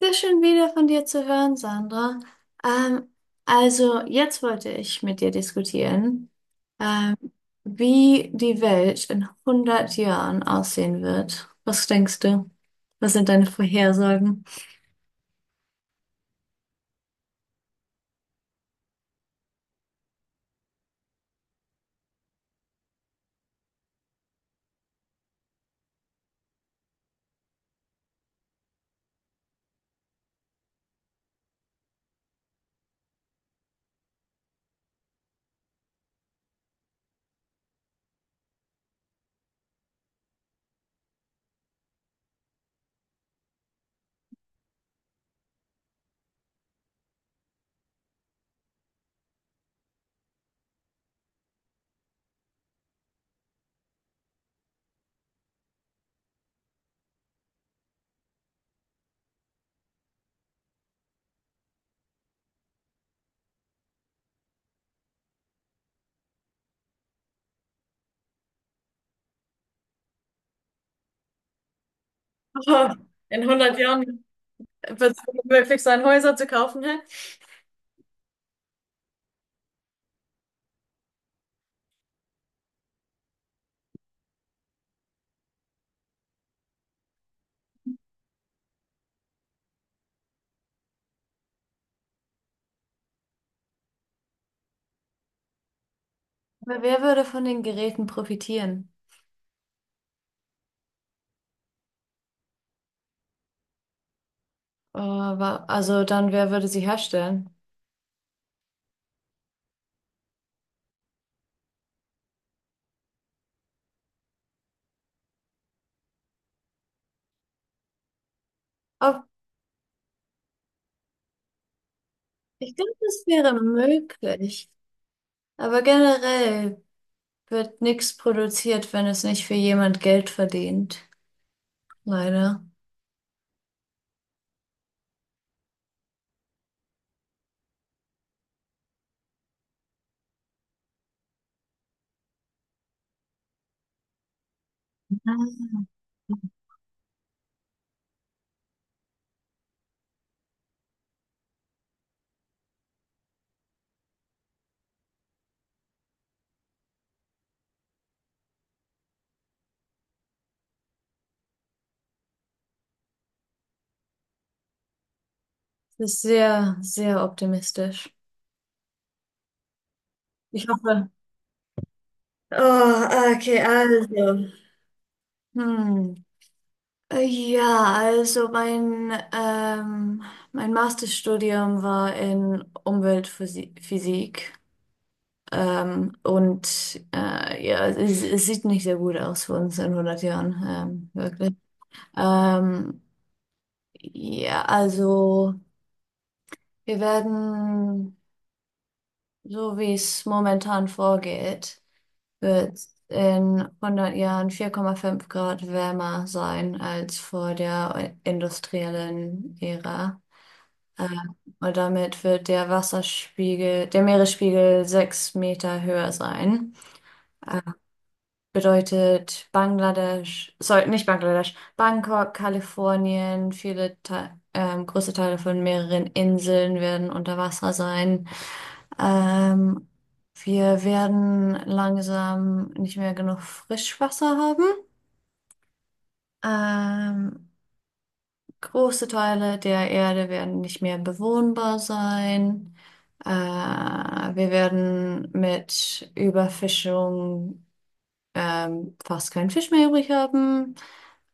Sehr schön wieder von dir zu hören, Sandra. Ähm, also jetzt wollte ich mit dir diskutieren, ähm, wie die Welt in 100 Jahren aussehen wird. Was denkst du? Was sind deine Vorhersagen? In Hand. Aber wer würde von den Geräten profitieren? Äh, also dann, wer würde sie herstellen? Ob- ich glaube, das wäre möglich. Aber generell wird nichts produziert, wenn es nicht für jemand Geld verdient. Leider. Das ist sehr, sehr optimistisch. Ich hoffe. Oh, okay, also. Hm. Ja, also mein Masterstudium war in Umweltphysik. Und ja, es sieht nicht sehr gut aus für uns in 100 Jahren, wirklich. Ähm, ja, also wir werden, so wie es momentan vorgeht, wird in 100 Jahren 4,5 Grad wärmer sein als vor der industriellen Ära. Äh, Und damit wird der Wasserspiegel, der Meeresspiegel 6 Meter höher sein. Äh, Bedeutet Bangladesch, sorry, nicht Bangladesch, Bangkok, Kalifornien, viele Te große Teile von mehreren Inseln werden unter Wasser sein. Ähm, Wir werden langsam nicht mehr genug Frischwasser haben. Ähm, Große Teile der Erde werden nicht mehr bewohnbar sein. Wir werden mit Überfischung fast keinen Fisch mehr übrig haben.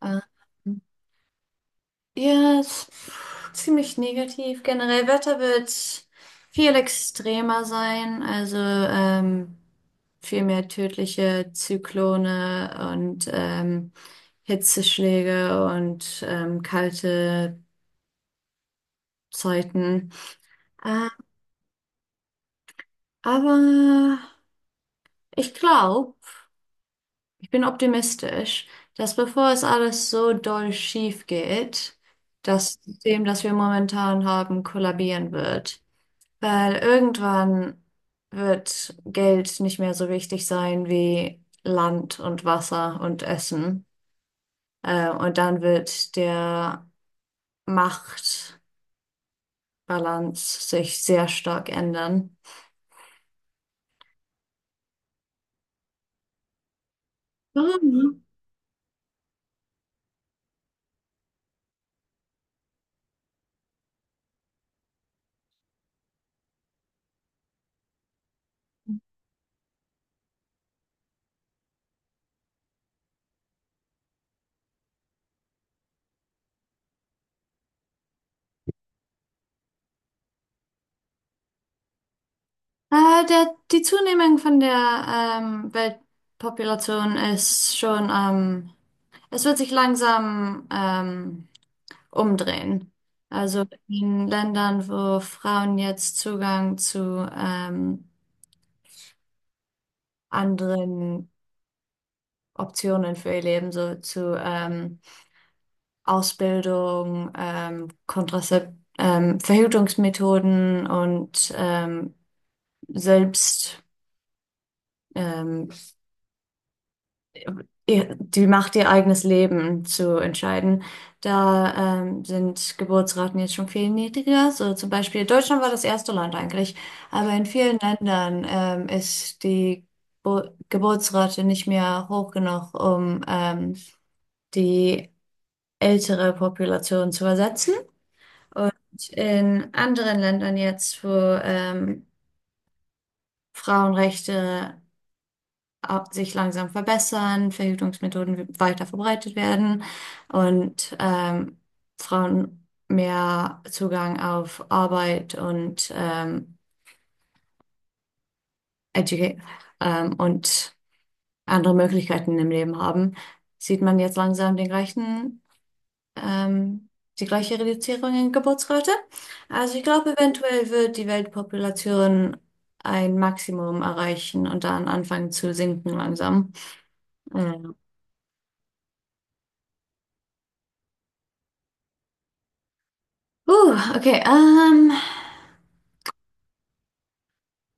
Ähm, Ja, ziemlich negativ. Generell Wetter wird viel extremer sein, also viel mehr tödliche Zyklone und Hitzeschläge und kalte Zeiten. Äh, aber ich glaube, ich bin optimistisch, dass bevor es alles so doll schief geht, das System, das wir momentan haben, kollabieren wird. Weil irgendwann wird Geld nicht mehr so wichtig sein wie Land und Wasser und Essen. Und dann wird der Machtbalance sich sehr stark ändern. Warum? Die Zunehmung von der Weltpopulation ist schon am es wird sich langsam umdrehen. Also in Ländern, wo Frauen jetzt Zugang zu anderen Optionen für ihr Leben, so zu Ausbildung, Kontrazep Verhütungsmethoden und selbst ähm, die Macht, ihr eigenes Leben zu entscheiden. Da sind Geburtsraten jetzt schon viel niedriger. So zum Beispiel Deutschland war das erste Land eigentlich, aber in vielen Ländern ist die Bo Geburtsrate nicht mehr hoch genug, um die ältere Population zu ersetzen. In anderen Ländern jetzt, wo ähm, Frauenrechte sich langsam verbessern, Verhütungsmethoden weiter verbreitet werden und Frauen mehr Zugang auf Arbeit Educa und andere Möglichkeiten im Leben haben, sieht man jetzt langsam den gleichen ähm, die gleiche Reduzierung in Geburtsrate. Also ich glaube, eventuell wird die Weltpopulation ein Maximum erreichen und dann anfangen zu sinken langsam. Mhm. Okay,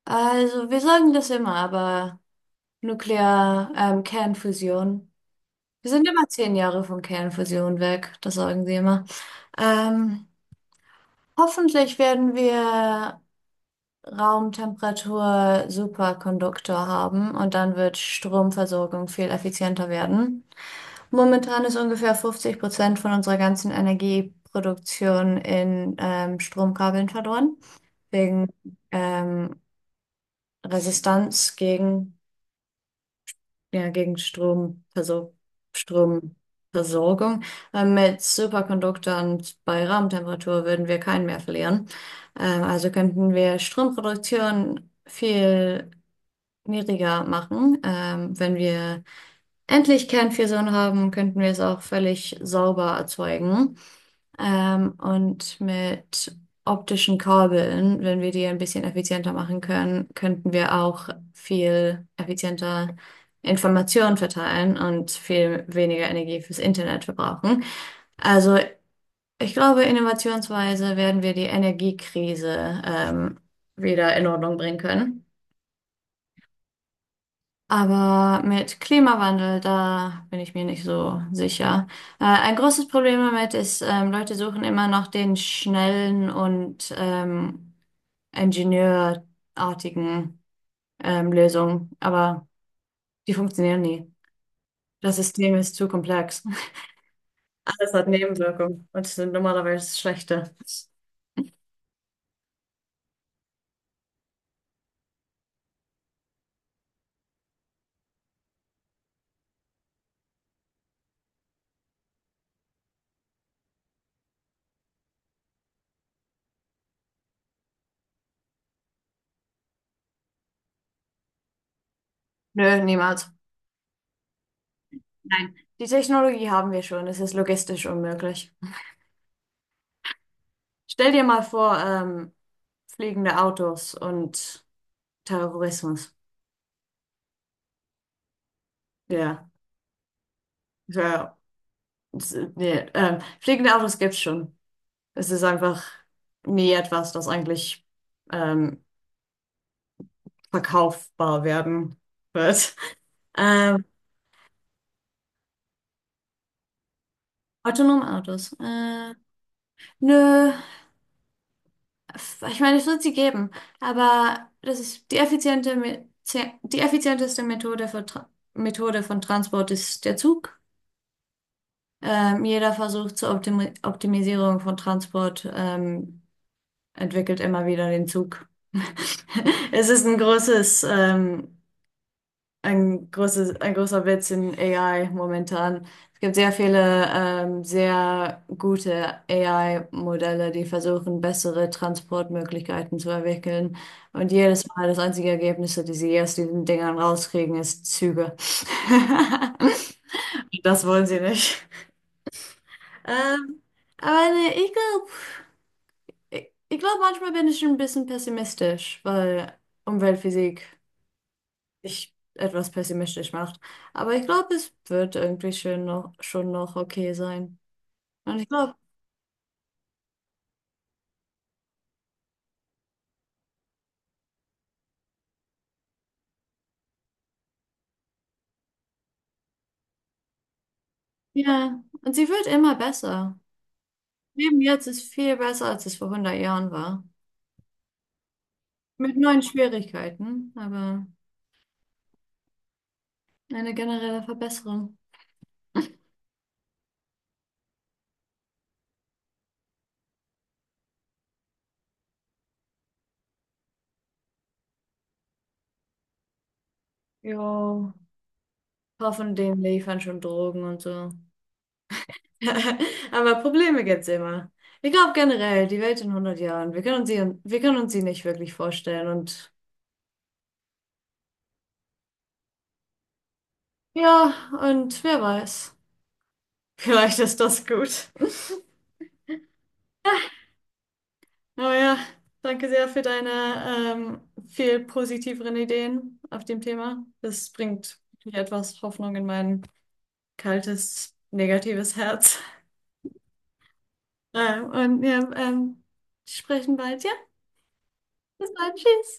also wir sagen das immer, aber Nuklear, Kernfusion. Wir sind immer 10 Jahre von Kernfusion weg, das sagen sie immer. Ähm, Hoffentlich werden wir Raumtemperatur Superkonduktor haben und dann wird Stromversorgung viel effizienter werden. Momentan ist ungefähr 50% von unserer ganzen Energieproduktion in Stromkabeln verloren, wegen ähm, Resistanz gegen, ja, gegen Stromversorgung. Mit Superkonduktoren bei Raumtemperatur würden wir keinen mehr verlieren. Also könnten wir Stromproduktion viel schwieriger machen. Wenn wir endlich Kernfusion haben, könnten wir es auch völlig sauber erzeugen. Und mit optischen Kabeln, wenn wir die ein bisschen effizienter machen können, könnten wir auch viel effizienter Informationen verteilen und viel weniger Energie fürs Internet verbrauchen. Also ich glaube, innovationsweise werden wir die Energiekrise wieder in Ordnung bringen können. Aber mit Klimawandel, da bin ich mir nicht so sicher. Ein großes Problem damit ist, Leute suchen immer noch den schnellen und ingenieurartigen Lösungen, aber die funktionieren nie. Das System ist zu komplex. Alles hat Nebenwirkungen und sind normalerweise schlechte. Nö, niemals. Die Technologie haben wir schon, es ist logistisch unmöglich. Stell dir mal vor, fliegende Autos und Terrorismus. Ja, ja, nee, fliegende Autos gibt's schon. Es ist einfach nie etwas, das eigentlich ähm, verkaufbar werden wird. Ähm, Autonome Autos. Nö, ich meine, es wird sie geben, aber das ist die effizienteste Methode von Transport ist der Zug. Jeder Versuch zur Optimisierung von Transport entwickelt immer wieder den Zug. Es ist ein großer Witz in AI momentan. Es gibt sehr viele, sehr gute AI-Modelle, die versuchen, bessere Transportmöglichkeiten zu entwickeln. Und jedes Mal das einzige Ergebnis, das sie aus diesen Dingern rauskriegen, ist Züge. Das wollen sie nicht. Ähm, aber nee, ich glaube, manchmal bin ich ein bisschen pessimistisch, weil Umweltphysik mich etwas pessimistisch macht. Aber ich glaube, es wird irgendwie schon noch okay sein. Und ich glaube, ja, und sie wird immer besser. Leben jetzt ist viel besser, als es vor 100 Jahren war. Mit neuen Schwierigkeiten, aber eine generelle Verbesserung. Jo, hoffentlich liefern schon Drogen und so. Aber Probleme gibt's immer. Ich glaube generell, die Welt in 100 Jahren, wir können uns sie nicht wirklich vorstellen. Und ja, und wer weiß, vielleicht ist das gut. Aber ja, danke sehr für deine viel positiveren Ideen auf dem Thema. Das bringt wirklich etwas Hoffnung in mein kaltes, negatives Herz. Und wir sprechen bald. Ja, bis bald. Tschüss.